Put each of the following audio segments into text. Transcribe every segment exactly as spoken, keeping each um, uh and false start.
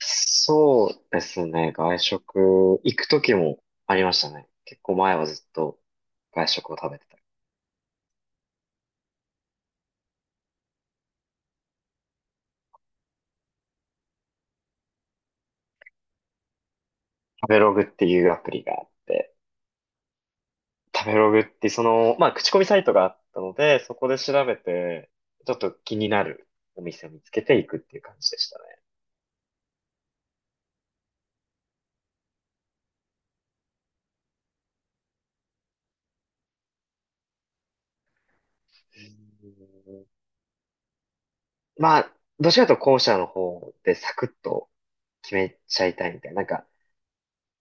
そうですね。外食、行く時もありましたね。結構前はずっと外食を食べてた。食べログっていうアプリがあって、食べログってその、まあ、口コミサイトがあったので、そこで調べて、ちょっと気になるお店を見つけていくっていう感じでしたね。うんまあ、どちらかというと後者の方でサクッと決めちゃいたいみたいな。なんか、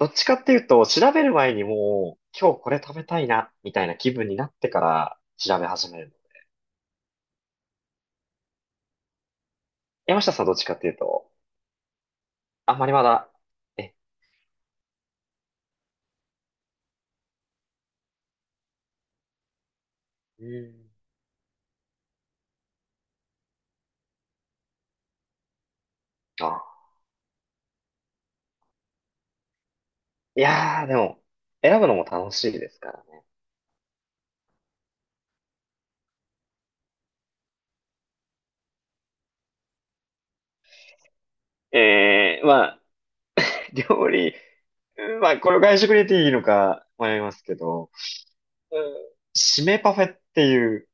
どっちかっていうと、調べる前にもう、今日これ食べたいな、みたいな気分になってから調べ始める。山下さんどっちかっていうと、あんまりまだ、え、うーん。あ、いやー、でも、選ぶのも楽しいですからね。えー、まあ、料理、うんまあ、これを外食に入れていいのか迷いますけど、うん、締めパフェっていう、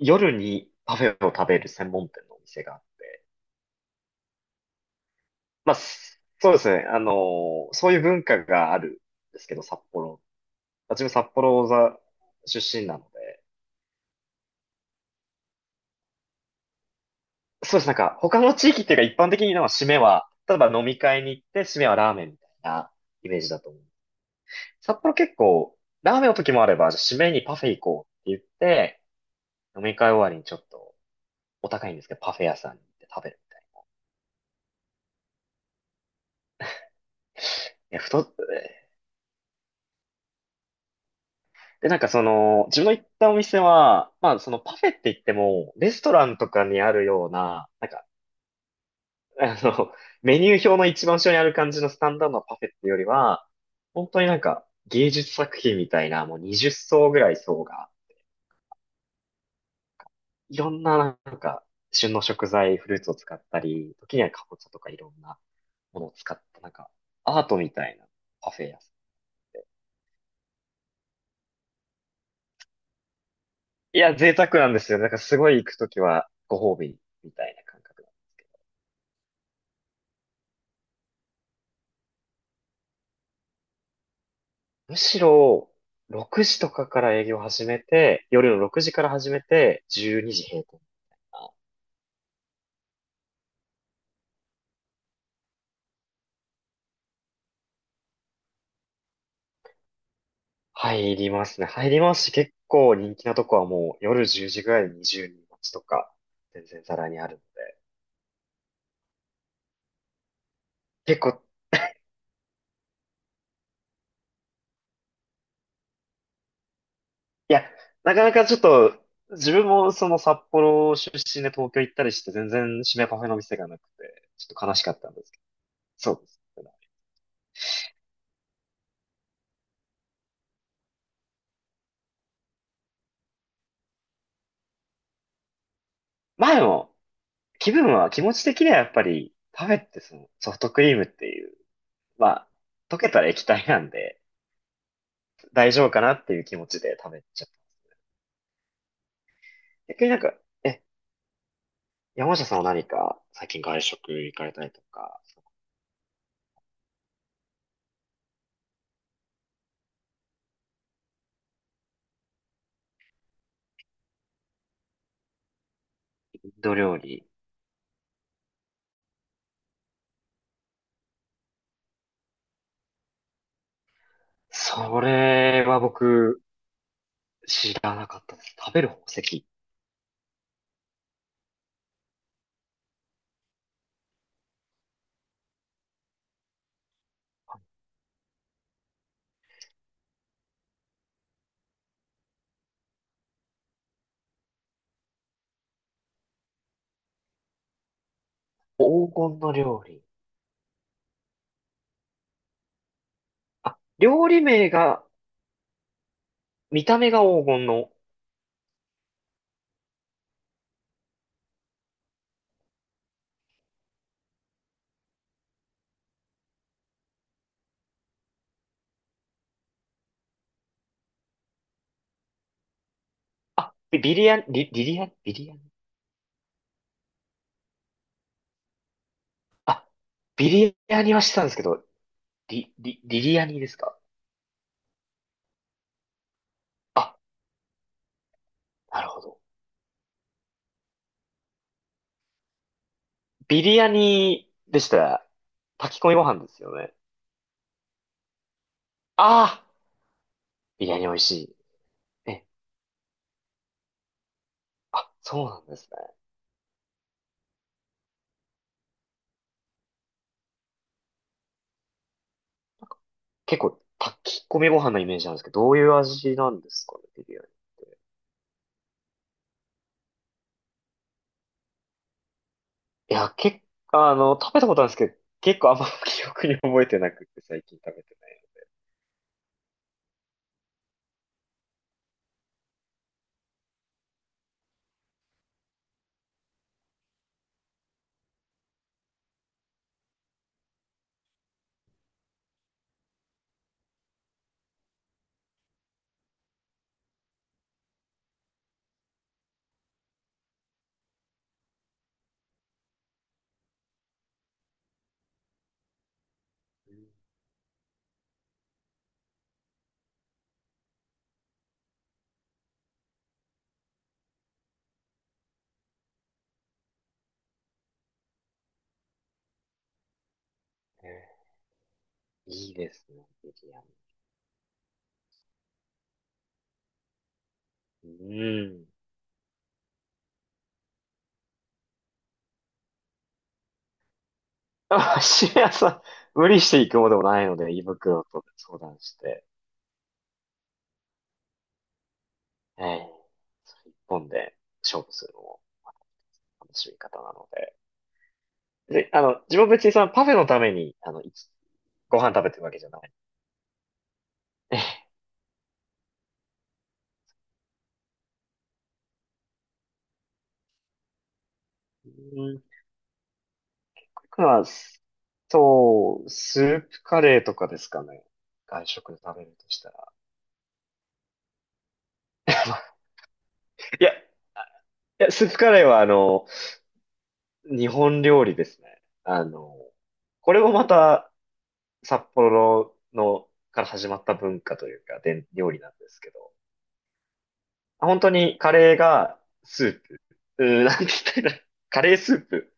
夜にパフェを食べる専門店のお店があって、まあ、そうですね、あのーそういう文化があるんですけど、札幌自分札幌座出身なので。そうです。なんか、他の地域っていうか一般的に、なんか締めは、例えば飲み会に行って締めはラーメンみたいなイメージだと思う。札幌結構、ラーメンの時もあれば、じゃあ締めにパフェ行こうって言って、飲み会終わりにちょっとお高いんですけど、パフェ屋さんに行って食べるみたいな。いや、太っ、で、なんかその、自分の行ったお店は、まあそのパフェって言っても、レストランとかにあるような、なんかあの、メニュー表の一番後ろにある感じのスタンダードなパフェっていうよりは、本当になんか芸術作品みたいな、もうにじっ層ぐらい層が、いろんな、なんか旬の食材、フルーツを使ったり、時にはカボチャとかいろんなものを使った、なんかアートみたいなパフェ屋さん。いや、贅沢なんですよ。なんかすごい行くときはご褒美みたいな感覚だ。むしろ、ろくじとかから営業始めて、夜のろくじから始めて、じゅうにじ閉店。入りますね。入りますし、結構人気なとこはもう夜じゅうじぐらいでにじゅうにん待ちとか、全然ざらにあるので。結構、いや、なかなかちょっと、自分もその札幌出身で東京行ったりして全然締めパフェの店がなくて、ちょっと悲しかったんですけど。そうです。まあでも、気分は、気持ち的にはやっぱり、パフェってそのソフトクリームっていう、まあ、溶けたら液体なんで、大丈夫かなっていう気持ちで食べちゃった。逆になんか、え、山下さんは何か最近外食行かれたりとか。インド料理。それは僕知らなかったです。食べる宝石。黄金の料理。あ、料理名が、見た目が黄金の。あ、ビビリヤニ、リ、リリヤニ、ビリヤニ。あ、ビリヤニはしてたんですけど、リ、リ、リリヤニですか。あ、なるほど。ビリヤニでしたら、炊き込みご飯ですよね。ああ、ビリヤニ美味しい。え、あ、そうなんですね。結構炊き込みご飯のイメージなんですけど、どういう味なんですかね、ビリヤニ。いや、結構、あの、食べたことあるんですけど、結構あんま 記憶に覚えてなくて、最近食べてない。うん、えー、いいですね、ビリヤニ。うん。あ、シリアさん、無理していくものでもないので、胃袋と相談して、ええ、それ一本で勝負するのも楽しみ方なので。で、あの、自分は別にそのパフェのために、あの、いつご飯食べてるわけじゃない。え。僕は、そう、スープカレーとかですかね。外食で食べるとしたら。いや、いや、スープカレーはあの、日本料理ですね。あの、これもまた札幌の、から始まった文化というか、伝料理なんですけど、本当にカレーがスープ、うーん、なんて言ったらいいの、カレースープ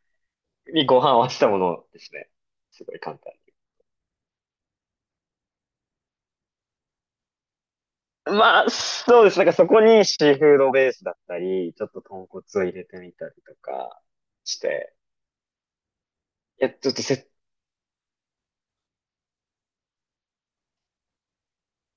にご飯を合わせたものですね。すごい簡単。まあ、そうです。なんかそこにシーフードベースだったり、ちょっと豚骨を入れてみたりとかして、いや、ちょっとせ、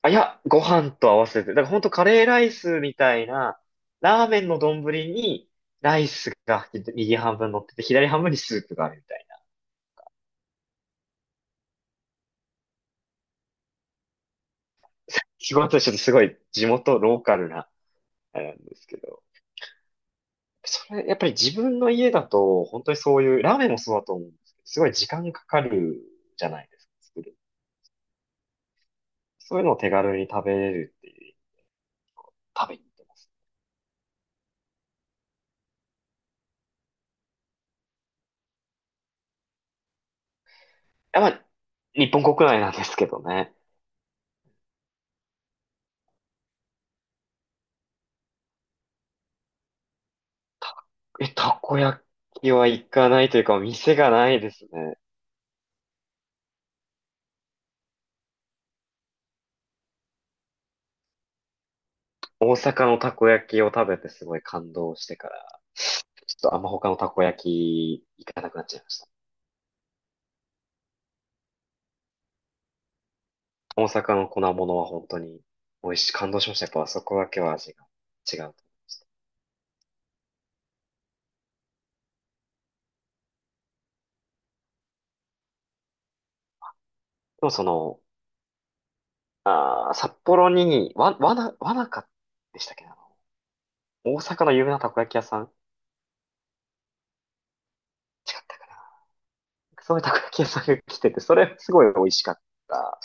あ、いや、ご飯と合わせて、だから本当カレーライスみたいな、ラーメンの丼に、ライスが右半分乗ってて、左半分にスープがあるみたいな。仕事はちょっとすごい地元ローカルな、あれなんですけど。それ、やっぱり自分の家だと、本当にそういう、ラーメンもそうだと思うんですけど、すごい時間かかるじゃないですか、作る。そういうのを手軽に食べれるっていう食べに行ってます。やっぱ、日本国内なんですけどね。たえ、たこ焼きは行かないというか、店がないですね。大阪のたこ焼きを食べてすごい感動してから、ちょっとあんま他のたこ焼き行かなくなっちゃいました。大阪の粉物は本当に美味しい、感動しました。やっぱあそこだけは味が違うと思いました。でもその、あー札幌に、わ、わな、わなかでしたっけな、あの大阪の有名なたこ焼き屋さん、違ったかな、そういうたこ焼き屋さんが来てて、それすごい美味しかった。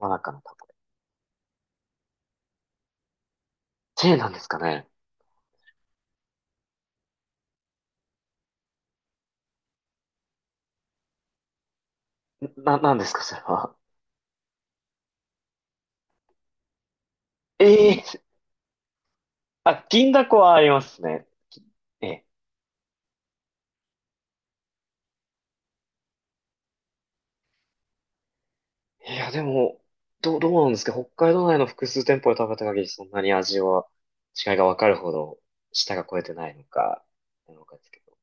真中のたこ焼き。チェーンなんですかね。な、なんですか、それは。ええ、あ、銀だこはありますね。ええ。いや、でも、どう、どうなんですか、北海道内の複数店舗で食べた限りそんなに味は違いが分かるほど舌が超えてないのか、なのかですけど。